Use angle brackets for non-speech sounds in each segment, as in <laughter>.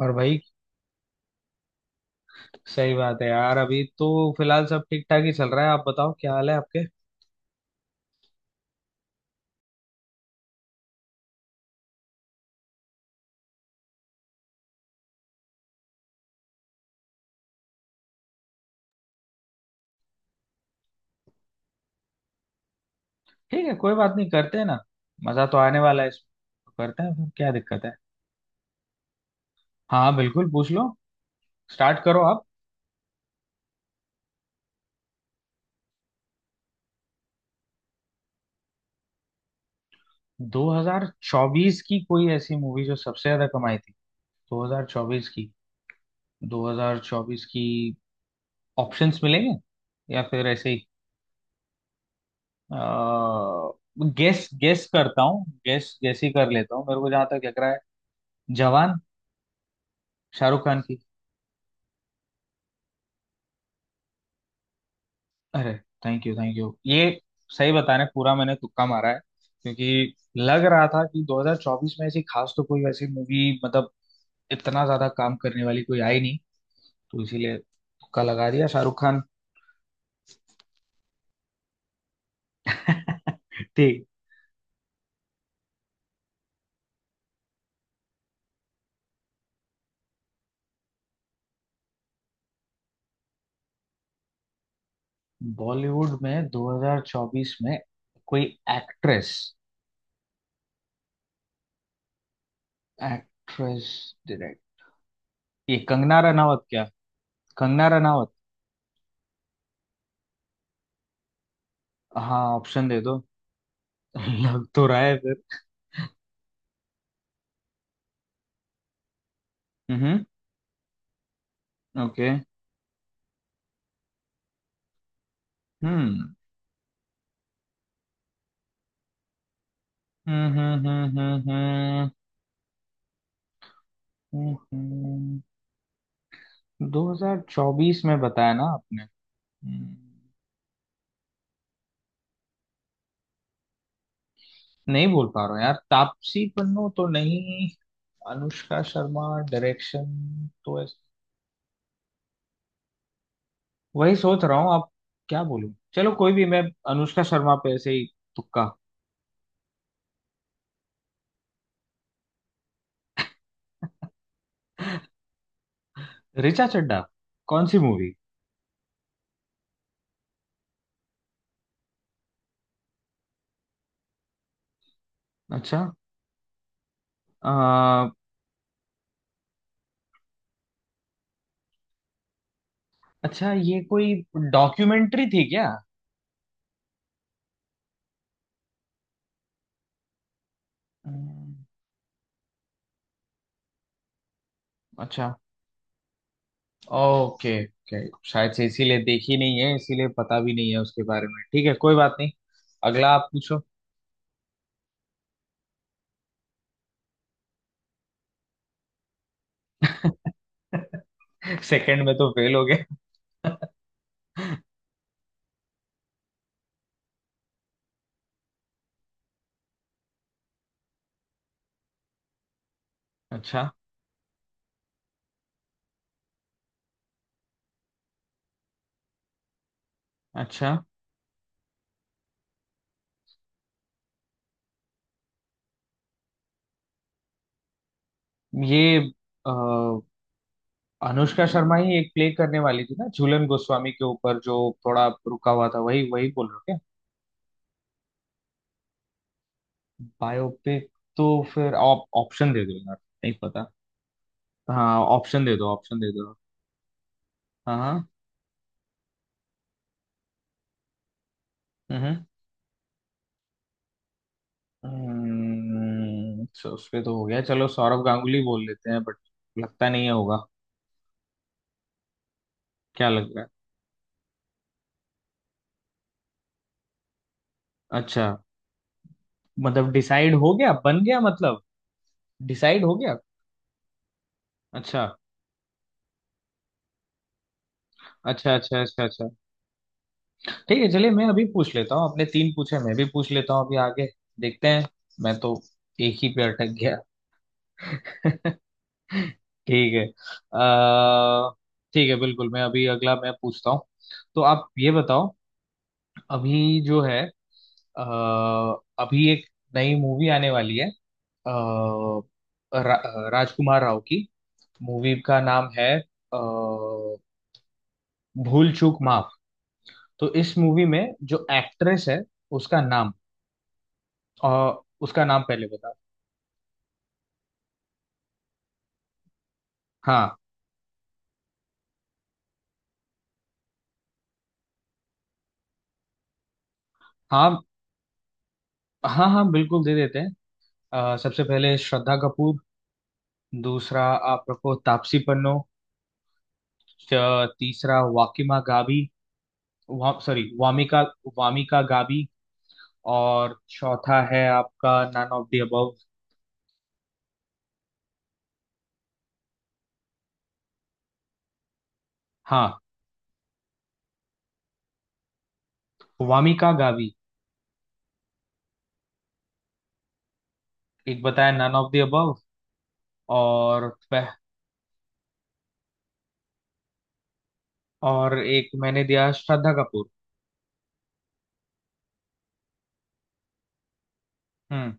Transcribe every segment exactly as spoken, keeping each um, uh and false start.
और भाई, सही बात है यार। अभी तो फिलहाल सब ठीक ठाक ही चल रहा है। आप बताओ, क्या हाल है आपके। ठीक है, कोई बात नहीं, करते हैं ना। मजा तो आने वाला है इसमें, करते हैं, फिर क्या दिक्कत है। हाँ बिल्कुल, पूछ लो। स्टार्ट करो आप। दो हज़ार चौबीस की कोई ऐसी मूवी जो सबसे ज्यादा कमाई थी। दो हज़ार चौबीस की। दो हज़ार चौबीस की। ऑप्शंस मिलेंगे या फिर ऐसे ही गेस गेस करता हूँ, गेस गेस ही कर लेता हूँ, मेरे को जहां तक लग रहा है। जवान, शाहरुख खान की। अरे, थैंक यू, थैंक यू। ये सही बताने, पूरा मैंने तुक्का मारा है। क्योंकि लग रहा था कि दो हज़ार चौबीस में ऐसी खास तो कोई वैसी मूवी, मतलब इतना ज्यादा काम करने वाली कोई आई नहीं, तो इसीलिए तुक्का लगा दिया, शाहरुख खान। <laughs> ठीक। बॉलीवुड में दो हज़ार चौबीस में कोई एक्ट्रेस। एक्ट्रेस। डायरेक्ट। ये कंगना रनावत क्या। कंगना रनावत। हाँ, ऑप्शन दे दो। <laughs> लग तो रहा है फिर। हम्म। ओके। हम्म हम्म हम्म हम्म। हम्म हम्म। हम्म दो हजार चौबीस में बताया ना आपने। हम्म, नहीं बोल पा रहा हूँ यार। तापसी पन्नू तो नहीं, अनुष्का शर्मा, डायरेक्शन। तो ऐस- वही सोच रहा हूँ आप। क्या बोलूं, चलो, कोई भी। मैं अनुष्का शर्मा पे ऐसे ही तुक्का। ऋचा चड्ढा, कौन सी मूवी। अच्छा। आ, अच्छा ये कोई डॉक्यूमेंट्री थी क्या। हम्म, अच्छा। Okay okay. शायद से इसीलिए देखी नहीं है, इसीलिए पता भी नहीं है उसके बारे में। ठीक है, कोई बात नहीं, अगला आप पूछो। <laughs> सेकंड में तो फेल हो गए। <laughs> अच्छा, अच्छा। ये अ, अनुष्का शर्मा ही एक प्ले करने वाली थी ना, झूलन गोस्वामी के ऊपर, जो थोड़ा रुका हुआ था, वही वही बोल रहे हो क्या। बायोपिक तो फिर आप ऑप्शन दे दो यार, नहीं पता। हाँ, ऑप्शन दे दो, ऑप्शन दे दो। हाँ हाँ। हम्म, हम्म। हम्म, तो उस पे तो हो गया, चलो सौरव गांगुली बोल लेते हैं, बट लगता नहीं है होगा। क्या लग रहा है। अच्छा, मतलब डिसाइड हो गया, बन गया मतलब। डिसाइड हो गया। अच्छा अच्छा अच्छा अच्छा। अच्छा ठीक है, चलिए मैं अभी पूछ लेता हूँ। अपने तीन पूछे, मैं भी पूछ लेता हूँ, अभी आगे देखते हैं। मैं तो एक ही पे अटक गया। <laughs> ठीक है। अह, ठीक है बिल्कुल। मैं अभी अगला मैं पूछता हूँ। तो आप ये बताओ, अभी जो है, अ, अभी एक नई मूवी आने वाली है, अ, रा, राजकुमार राव की, मूवी का नाम है अ, भूल चूक माफ। तो इस मूवी में जो एक्ट्रेस है, उसका नाम, और उसका नाम पहले बता। हाँ हाँ, हाँ हाँ बिल्कुल दे देते हैं। अ, सबसे पहले श्रद्धा कपूर। दूसरा, आप रखो तापसी पन्नू। त- तीसरा वाकिमा गाबी। वा, सॉरी वामिका, वामिका गाबी। और चौथा है आपका नन ऑफ द अबव। हाँ, वामिका गावी। एक बताया नन ऑफ द अबव, और पह, और एक मैंने दिया श्रद्धा कपूर। हम्म।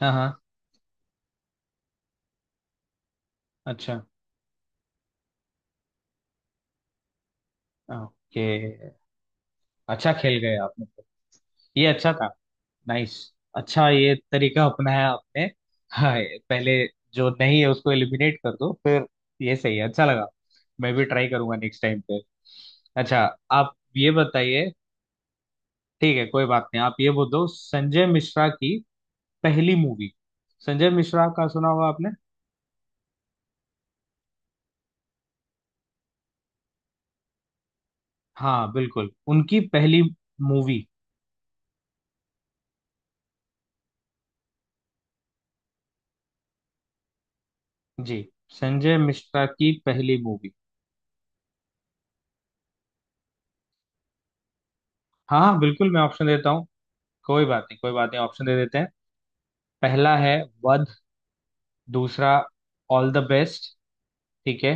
हाँ हाँ। अच्छा, ओके, अच्छा खेल गए आपने तो। ये अच्छा था। नाइस। अच्छा, ये तरीका अपनाया आपने। हाँ, ये पहले जो नहीं है उसको एलिमिनेट कर दो, फिर ये सही है, अच्छा लगा। मैं भी ट्राई करूंगा नेक्स्ट टाइम पे। अच्छा, आप ये बताइए। ठीक है, कोई बात नहीं। आप ये बोल दो, संजय मिश्रा की पहली मूवी। संजय मिश्रा का सुना होगा आपने। हाँ बिल्कुल, उनकी पहली मूवी। जी, संजय मिश्रा की पहली मूवी। हाँ हाँ बिल्कुल, मैं ऑप्शन देता हूँ। कोई बात नहीं, कोई बात नहीं, ऑप्शन दे देते हैं। पहला है वध। दूसरा ऑल द बेस्ट। ठीक है,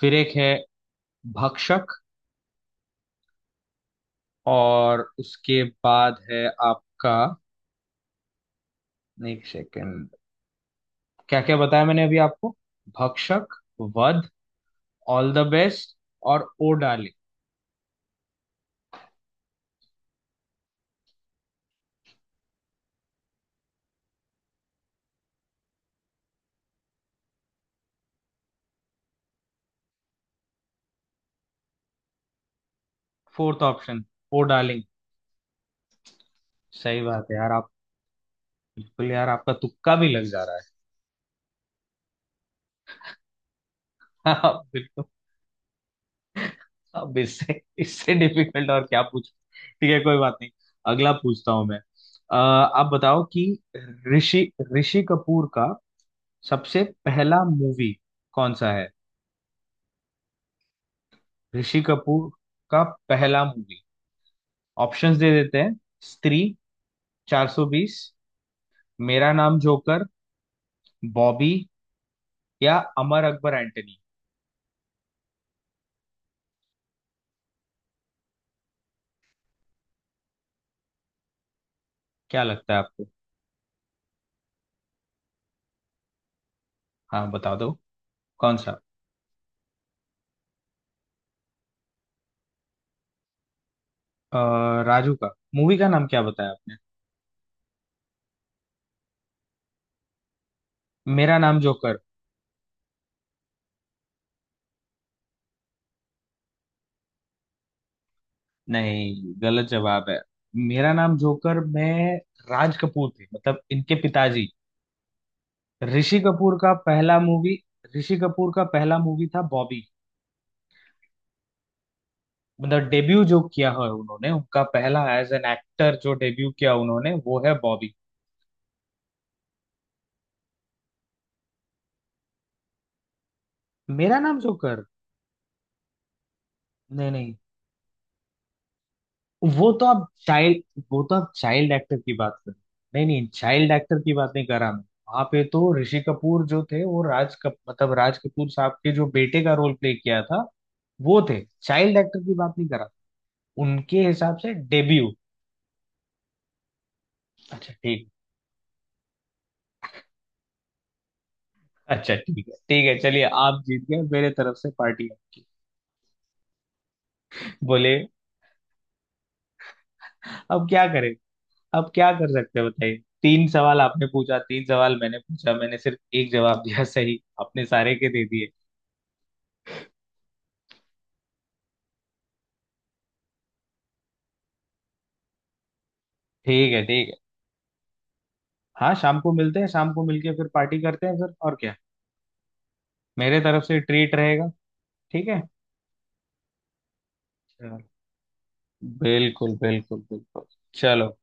फिर एक है भक्षक। और उसके बाद है आपका, एक सेकेंड, क्या क्या बताया मैंने अभी आपको। Bhakshak, Vadh, all the best और O darling. Fourth option, O darling. सही बात है यार, आप बिल्कुल, यार आपका तुक्का भी लग जा रहा है। <laughs> आप बिल्कुल। अब इससे इससे डिफिकल्ट और क्या पूछ। ठीक है, कोई बात नहीं, अगला पूछता हूं मैं। अ, आप बताओ कि ऋषि ऋषि कपूर का सबसे पहला मूवी कौन सा है। ऋषि कपूर का पहला मूवी। ऑप्शंस दे देते हैं, स्त्री चार सौ बीस, मेरा नाम जोकर, बॉबी, या अमर अकबर एंटनी। क्या लगता है आपको। हाँ, बता दो कौन सा। अ, राजू का, मूवी का नाम क्या बताया आपने। मेरा नाम जोकर। नहीं, गलत जवाब है। मेरा नाम जोकर में राज कपूर थे, मतलब इनके पिताजी। ऋषि कपूर का पहला मूवी, ऋषि कपूर का पहला मूवी था बॉबी। मतलब डेब्यू जो किया है उन्होंने, उनका पहला एज एन एक्टर जो डेब्यू किया उन्होंने वो है बॉबी। मेरा नाम जोकर, नहीं नहीं, वो तो आप चाइल्ड, वो तो आप चाइल्ड एक्टर की बात कर रहे हो। नहीं नहीं, चाइल्ड एक्टर की बात नहीं कर रहा मैं। वहां पे तो ऋषि कपूर जो थे वो राज कप, मतलब राज कपूर साहब के जो बेटे का रोल प्ले किया था, वो थे। चाइल्ड एक्टर की बात नहीं कर रहा, उनके हिसाब से डेब्यू। अच्छा ठीक, अच्छा ठीक है, ठीक है, चलिए आप जीत गए, मेरे तरफ से पार्टी आपकी। बोले, अब क्या करें, अब क्या कर सकते हैं बताइए। तीन सवाल आपने पूछा, तीन सवाल मैंने पूछा, मैंने सिर्फ एक जवाब दिया सही, आपने सारे के दे दिए। ठीक है, ठीक है। हाँ, शाम को मिलते हैं, शाम को मिलके फिर पार्टी करते हैं फिर, और क्या, मेरे तरफ से ट्रीट रहेगा। ठीक है। चलो, बिल्कुल बिल्कुल बिल्कुल, चलो।